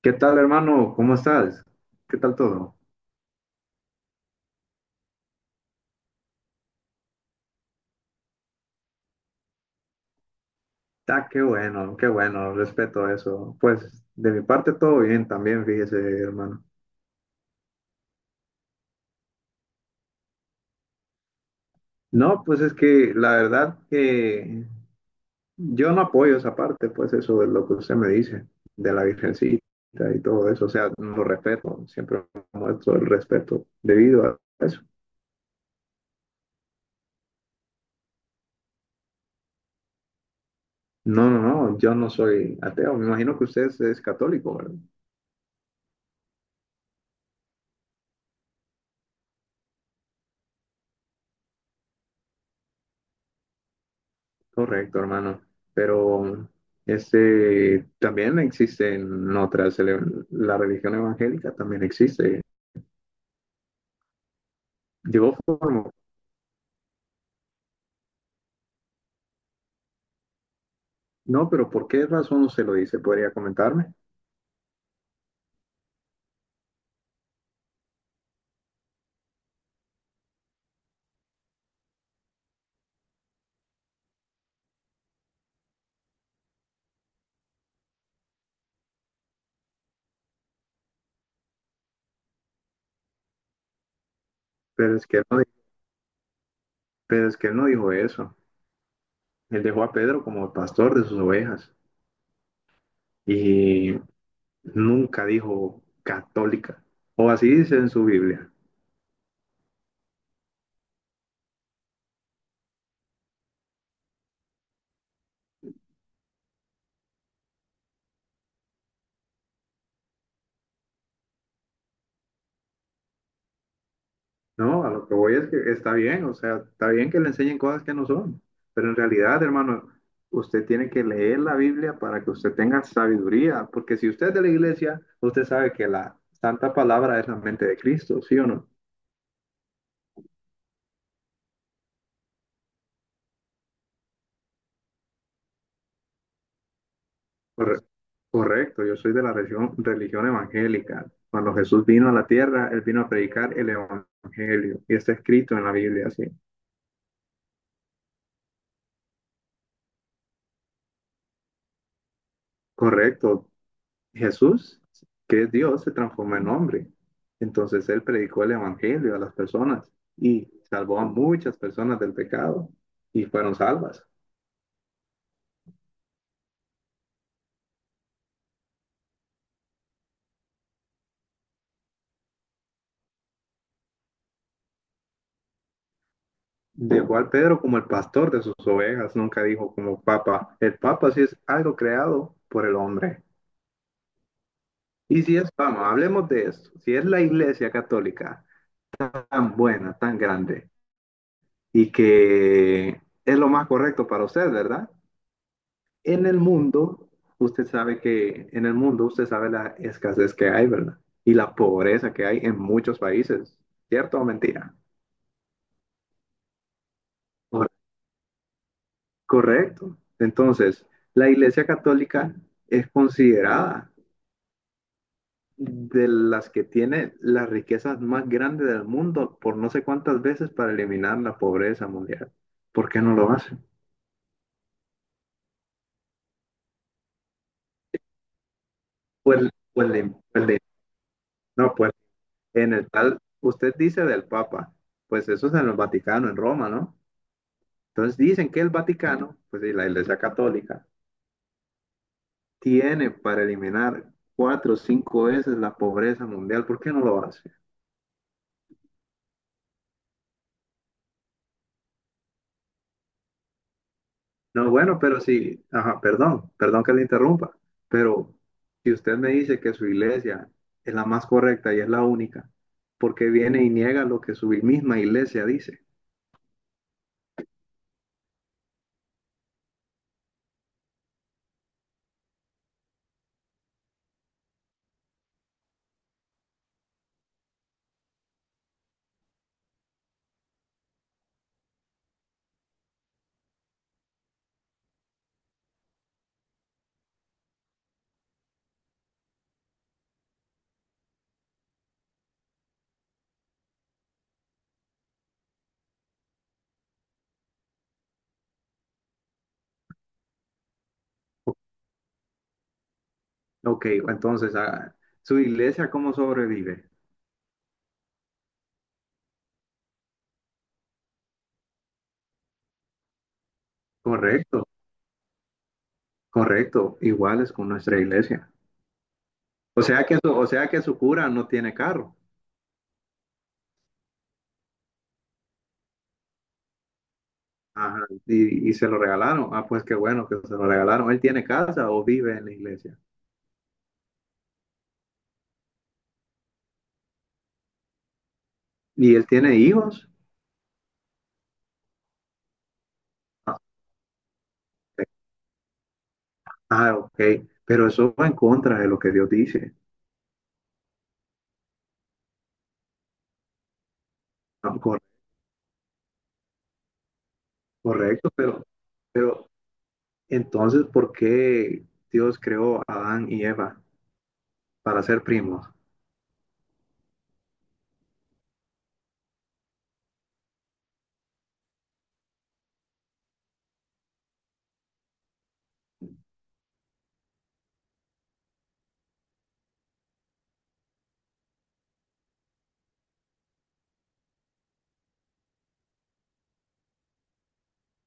¿Qué tal, hermano? ¿Cómo estás? ¿Qué tal todo? Ah, qué bueno, respeto eso. Pues de mi parte todo bien también, fíjese, hermano. No, pues es que la verdad que yo no apoyo esa parte, pues eso de lo que usted me dice, de la virgencita y todo eso. O sea, lo respeto, siempre muestro el respeto debido a eso. No, no, no, yo no soy ateo. Me imagino que usted es católico, ¿verdad? Correcto, hermano. Pero este también existen otras, la religión evangélica también existe. Yo formo, no, pero ¿por qué razón se lo dice? ¿Podría comentarme? Pero es que él no, di- pero es que él no dijo eso. Él dejó a Pedro como pastor de sus ovejas y nunca dijo católica. O así dice en su Biblia. No, a lo que voy es que está bien, o sea, está bien que le enseñen cosas que no son, pero en realidad, hermano, usted tiene que leer la Biblia para que usted tenga sabiduría, porque si usted es de la iglesia, usted sabe que la santa palabra es la mente de Cristo, ¿sí o no? Corre- Correcto, yo soy de la religión, religión evangélica. Cuando Jesús vino a la tierra, él vino a predicar el evangelio, y está escrito en la Biblia, sí. Correcto, Jesús, que es Dios, se transformó en hombre. Entonces él predicó el evangelio a las personas y salvó a muchas personas del pecado y fueron salvas. Dejó al Pedro como el pastor de sus ovejas, nunca dijo como papa. El papa sí es algo creado por el hombre. Y si es, vamos, hablemos de esto. Si es la iglesia católica tan buena, tan grande y que es lo más correcto para usted, ¿verdad? En el mundo, usted sabe que, en el mundo, usted sabe la escasez que hay, ¿verdad? Y la pobreza que hay en muchos países, ¿cierto o mentira? Cor- Correcto. Entonces, la Iglesia Católica es considerada de las que tiene las riquezas más grandes del mundo por no sé cuántas veces para eliminar la pobreza mundial. ¿Por qué no lo hace? Pues, pues, le- pues le- no, pues en el tal, usted dice del Papa, pues eso es en el Vaticano, en Roma, ¿no? Entonces dicen que el Vaticano, pues y la Iglesia Católica, tiene para eliminar cuatro o cinco veces la pobreza mundial. ¿Por qué no lo hace? No, bueno, pero si, ajá, perdón, perdón que le interrumpa, pero si usted me dice que su iglesia es la más correcta y es la única, ¿por qué viene y niega lo que su misma iglesia dice? Ok, entonces, ah, ¿su iglesia cómo sobrevive? Correcto, correcto, iguales con nuestra iglesia. O sea que su cura no tiene carro. Ajá, y se lo regalaron. Ah, pues qué bueno que se lo regalaron. ¿Él tiene casa o vive en la iglesia? ¿Y él tiene hijos? Ah, ok. Ah, ok. Pero eso va en contra de lo que Dios dice. Ah, cor- Correcto, pero entonces, ¿por qué Dios creó a Adán y Eva para ser primos?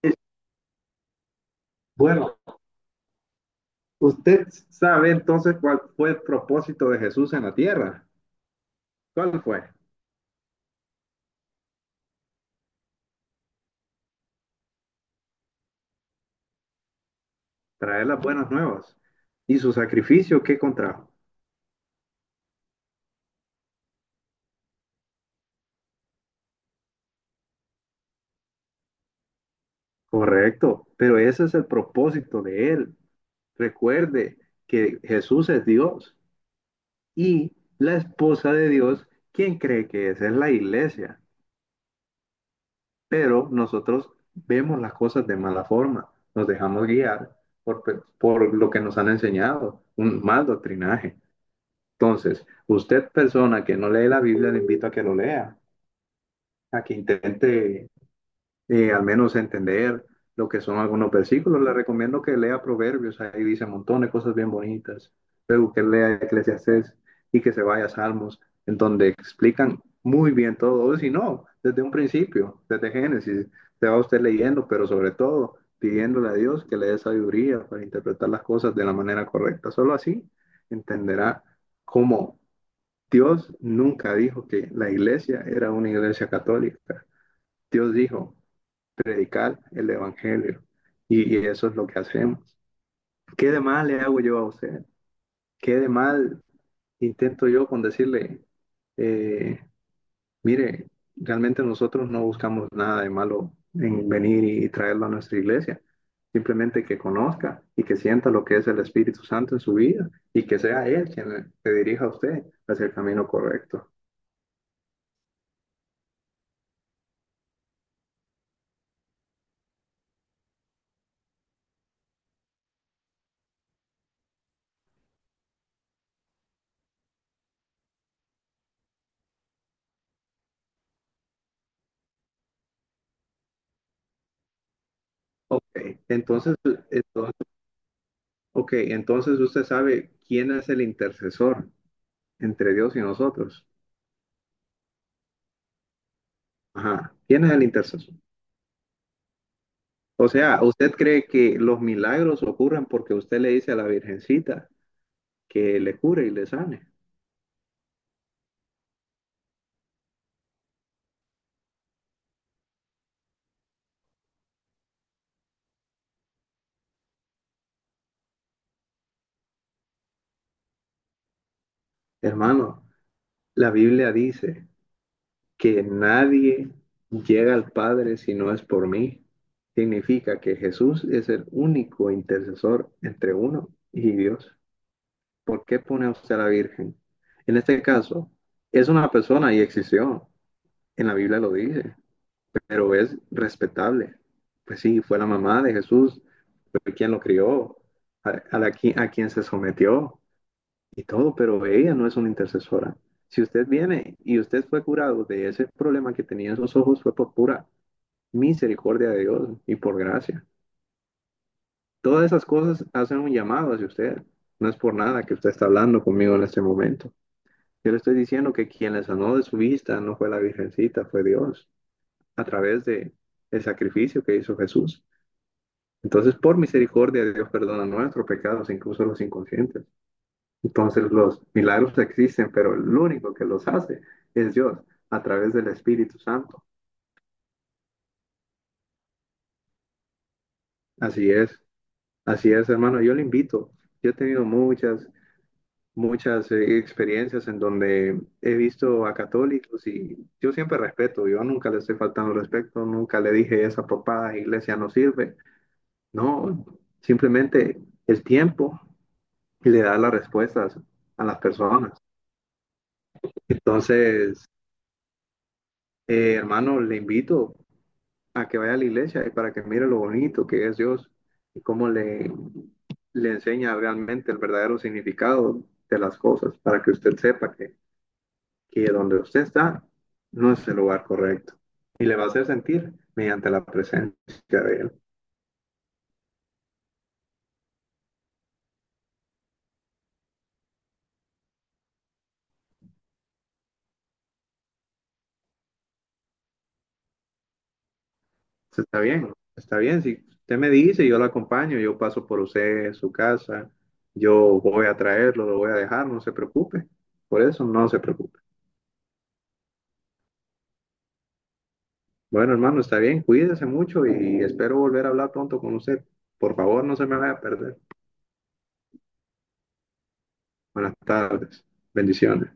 Eh, Bueno, usted sabe entonces cuál fue el propósito de Jesús en la tierra. ¿Cuál fue? Traer las buenas nuevas. ¿Y su sacrificio qué contrajo? Correcto, pero ese es el propósito de él. Recuerde que Jesús es Dios y la esposa de Dios, quien cree que esa es la iglesia, pero nosotros vemos las cosas de mala forma, nos dejamos guiar por lo que nos han enseñado, un mal doctrinaje. Entonces, usted persona que no lee la Biblia, le invito a que lo lea, a que intente y al menos entender lo que son algunos versículos. Le recomiendo que lea Proverbios, ahí dice un montón de cosas bien bonitas. Luego que lea Eclesiastés y que se vaya a Salmos, en donde explican muy bien todo. Si no, desde un principio, desde Génesis, se va usted leyendo, pero sobre todo pidiéndole a Dios que le dé sabiduría para interpretar las cosas de la manera correcta. Solo así entenderá cómo Dios nunca dijo que la iglesia era una iglesia católica. Dios dijo, predicar el Evangelio. Eso es lo que hacemos. ¿Qué de mal le hago yo a usted? ¿Qué de mal intento yo con decirle, eh, mire, realmente nosotros no buscamos nada de malo en venir y traerlo a nuestra iglesia? Simplemente que conozca y que sienta lo que es el Espíritu Santo en su vida y que sea Él quien le dirija a usted hacia el camino correcto. Ok, entonces, entonces, okay, entonces usted sabe quién es el intercesor entre Dios y nosotros. Ajá. ¿Quién es el intercesor? O sea, ¿usted cree que los milagros ocurren porque usted le dice a la Virgencita que le cure y le sane? Hermano, la Biblia dice que nadie llega al Padre si no es por mí. Significa que Jesús es el único intercesor entre uno y Dios. ¿Por qué pone a usted a la Virgen? En este caso, es una persona y existió. En la Biblia lo dice, pero es respetable. Pues sí, fue la mamá de Jesús, fue quien lo crió, a, a, la, a quien se sometió y todo, pero ella no es una intercesora. Si usted viene y usted fue curado de ese problema que tenía en sus ojos, fue por pura misericordia de Dios y por gracia. Todas esas cosas hacen un llamado hacia usted. No es por nada que usted está hablando conmigo en este momento. Yo le estoy diciendo que quien le sanó de su vista no fue la Virgencita, fue Dios, a través de el sacrificio que hizo Jesús. Entonces, por misericordia, de Dios perdona nuestros pecados, incluso los inconscientes. Entonces, los milagros existen, pero el único que los hace es Dios, a través del Espíritu Santo. Así es, así es, hermano. Yo le invito. Yo he tenido muchas, muchas experiencias en donde he visto a católicos y yo siempre respeto. Yo nunca le estoy faltando el respeto, nunca le dije esa papada iglesia no sirve. No, simplemente el tiempo le da las respuestas a las personas. Entonces, hermano, le invito a que vaya a la iglesia y para que mire lo bonito que es Dios y cómo le le enseña realmente el verdadero significado de las cosas, para que usted sepa que donde usted está no es el lugar correcto y le va a hacer sentir mediante la presencia de él. Entonces, está bien, está bien. Si usted me dice, yo lo acompaño, yo paso por usted, su casa, yo voy a traerlo, lo voy a dejar, no se preocupe. Por eso no se preocupe. Bueno, hermano, está bien, cuídese mucho y espero volver a hablar pronto con usted. Por favor, no se me vaya a perder. Buenas tardes. Bendiciones.